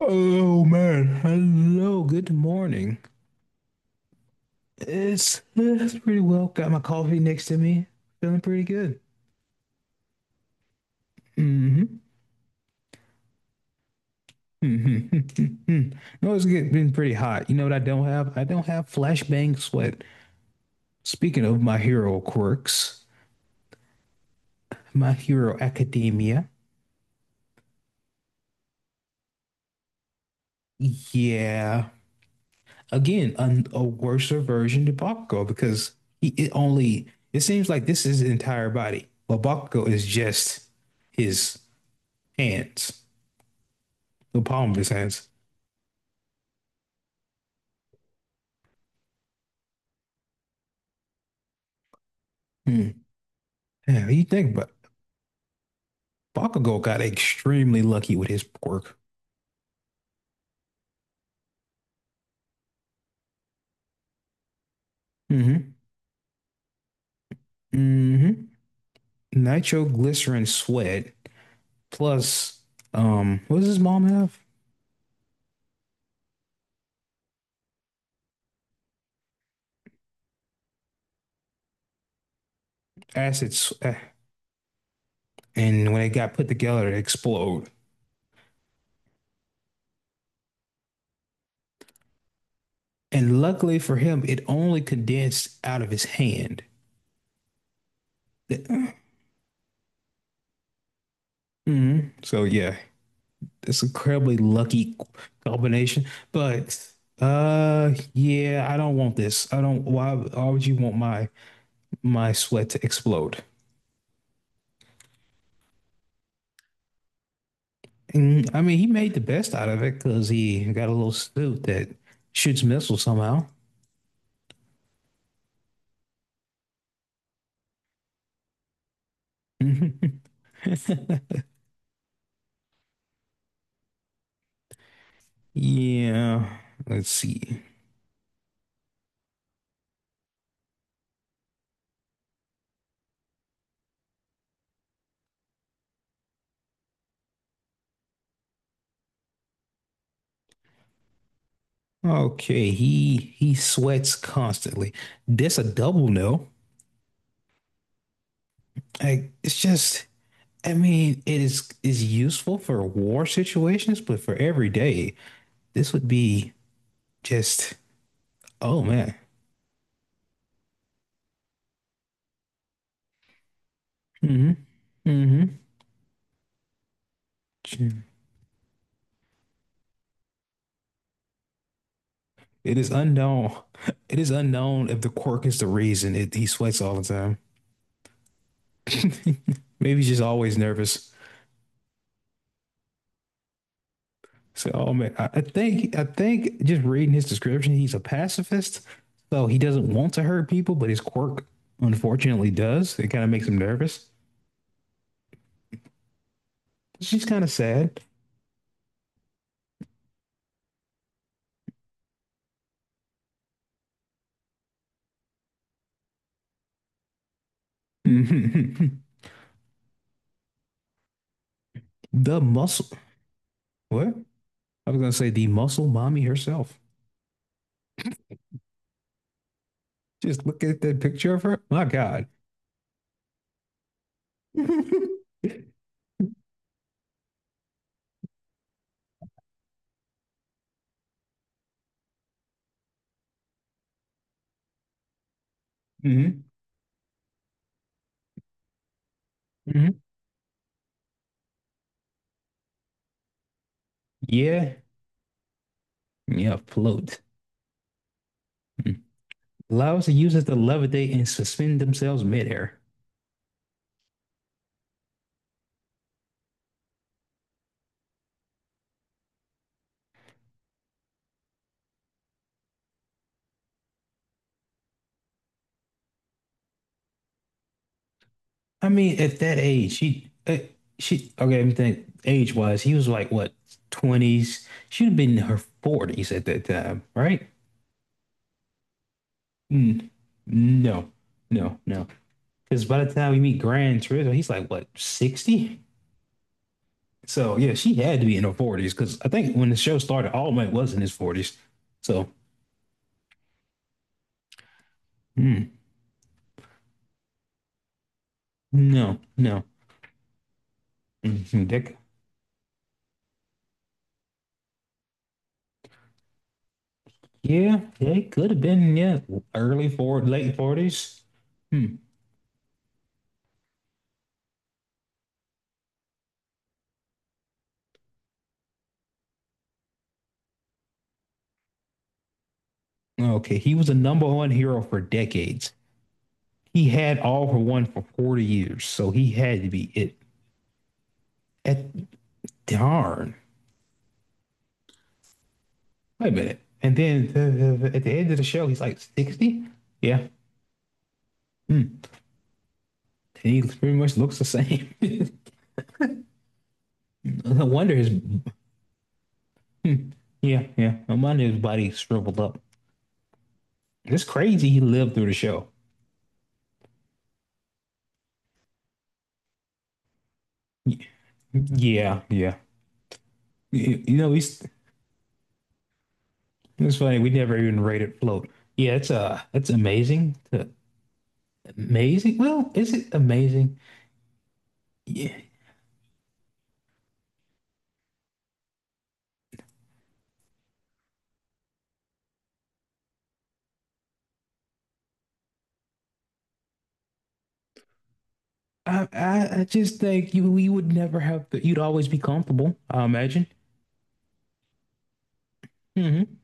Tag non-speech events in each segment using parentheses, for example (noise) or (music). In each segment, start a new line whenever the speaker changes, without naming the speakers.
Oh man, hello, good morning. It's pretty well. Got my coffee next to me. Feeling pretty good. Hmm. Hmm. Hmm. (laughs) No, it's been pretty hot. You know what I don't have? I don't have flashbang sweat. Speaking of my hero quirks, My Hero Academia. Yeah. Again, a worser version of Bakugo because he it only it seems like this is his entire body. Well, Bakugo is just his hands, the palm of his hands. Hmm. Yeah, you think, but Bakugo got extremely lucky with his pork. Mm-hmm. Mm-hmm. Nitroglycerin sweat plus what does his mom have? Acid. And when it got put together, it exploded. And luckily for him, it only condensed out of his hand. mm So yeah, it's incredibly lucky combination. But yeah, I don't want this. I don't. Why? Why would you want my sweat to explode. And I mean, he made the best out of it because he got a little suit that shoots missiles somehow. (laughs) Yeah, let's see. Okay, he sweats constantly. This a double no. Like it's just, I mean, it is useful for war situations, but for every day, this would be just, oh man. Mm-hmm. Mm-hmm. It is unknown. It is unknown if the quirk is the reason he sweats all the time. (laughs) Maybe he's just always nervous. So, oh man, I think just reading his description, he's a pacifist. So he doesn't want to hurt people, but his quirk unfortunately does. It kind of makes him nervous. She's kind of sad. (laughs) The muscle. What? I was gonna say the muscle mommy herself. Just look at that picture of her. My God. (laughs) Hmm. Hmm. Yeah. Yeah, float allows the users to levitate and suspend themselves midair. I mean, at that age, she, okay, let me think. Age wise, he was like what, 20s? She'd have been in her 40s at that time, right? Mm, no, no, no. Because by the time we meet Grand Turismo, he's like what, 60? So yeah, she had to be in her 40s because I think when the show started, All Might was in his 40s. So mm, no, no. Mhm. That Yeah, it could have been, yeah, early for late 40s. Hmm. Okay, he was a number one hero for decades. He had all for one for 40 years, so he had to be it. At darn. Wait a minute. And then at the end of the show, he's like 60? Yeah. Hmm. He pretty much looks the same. (laughs) No wonder his hmm. Yeah, yeah. No wonder his body shriveled up. It's crazy he lived through the show. Y- Yeah, yeah. You know, he's it's funny, we never even rated float. Yeah, it's amazing. It's amazing. Well, is it amazing? Yeah. I just think you we would never have you'd always be comfortable, I imagine. Mm-hmm.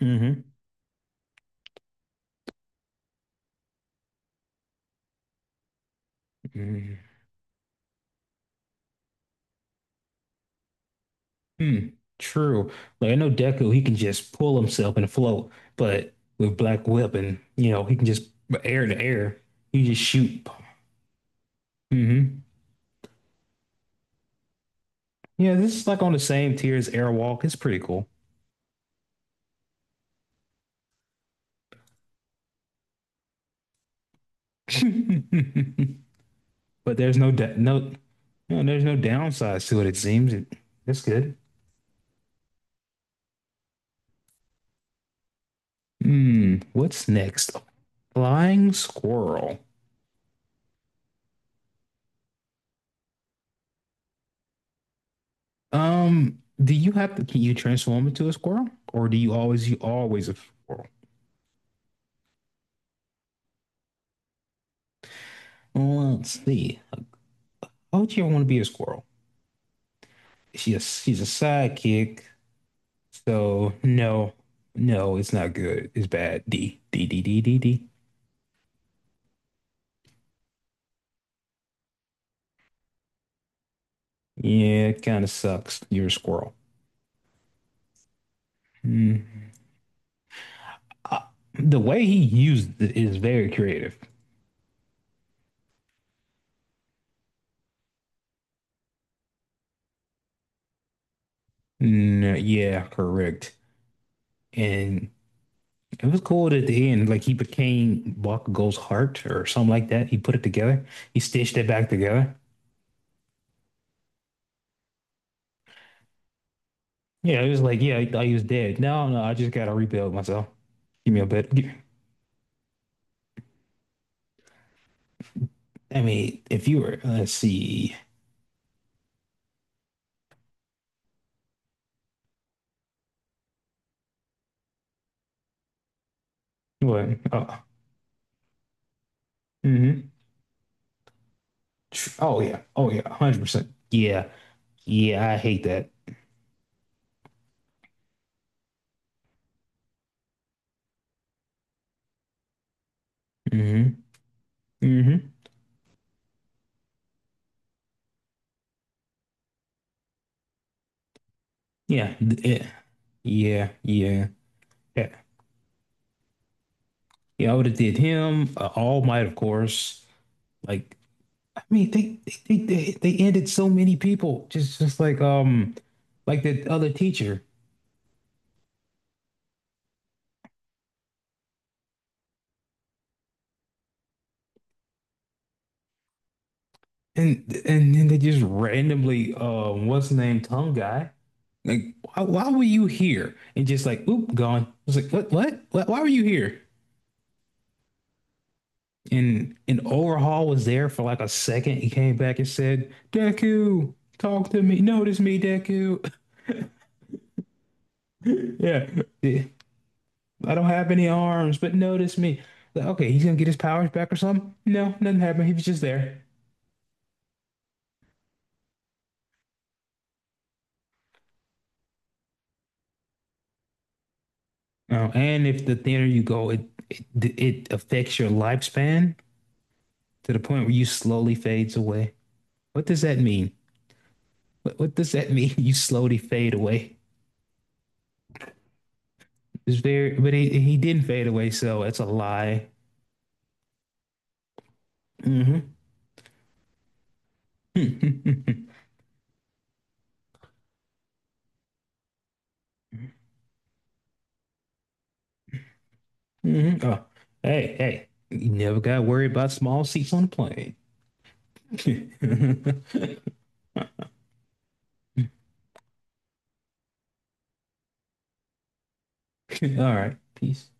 Mm-hmm. Mm-hmm. Mm. True. Like I know Deku, he can just pull himself and float, but with Black Whip and he can just air to air, you just shoot. Mm-hmm. Yeah, this is like on the same tier as Airwalk. It's pretty cool. (laughs) But there's no no, no, there's no downsides to it. It seems that's good. Hmm, what's next? Flying squirrel. Do you have to? Can you transform into a squirrel, or do you always a squirrel? Well, let's see. How would you want to be a squirrel? She's a sidekick, so no, no, it's not good. It's bad. D D D D D D. Yeah, it kind of sucks. You're a squirrel. Hmm. uh, the way he used it is very creative. Mm, yeah, correct. And it was cool at the end. Like he became Bakugo's heart or something like that. He put it together. He stitched it back together. Yeah, it was like, yeah, I thought he was dead. No, no, I just gotta rebuild myself. Give me a bit. I mean, if you were, let's see, what? Oh, hmm oh yeah, oh yeah, 100%. Yeah, yeah, I hate that. Hmm. Hmm. Yeah, yeah, yeah, yeah. Yeah. Yeah, I would have did him. All Might, of course. Like, I mean, they ended so many people. Just like the other teacher, and and then they just randomly what's the name, tongue guy. Like, why were you here? And just like, oop, gone. I was like, what, what? Why were you here? And Overhaul was there for like a second. He came back and said, Deku, talk to me, notice me, Deku. (laughs) Yeah, I don't have any arms, but notice me. Like, okay, he's gonna get his powers back or something? No, nothing happened. He was just there. Oh, and if the thinner you go, it, it affects your lifespan to the point where you slowly fades away. What does that mean? What does that mean? (laughs) You slowly fade away. It's very, but he didn't fade away, so it's a lie. Hmm. Hmm. (laughs) Oh, hey, hey, you never got worried about small seats on the plane. (laughs) All right, peace.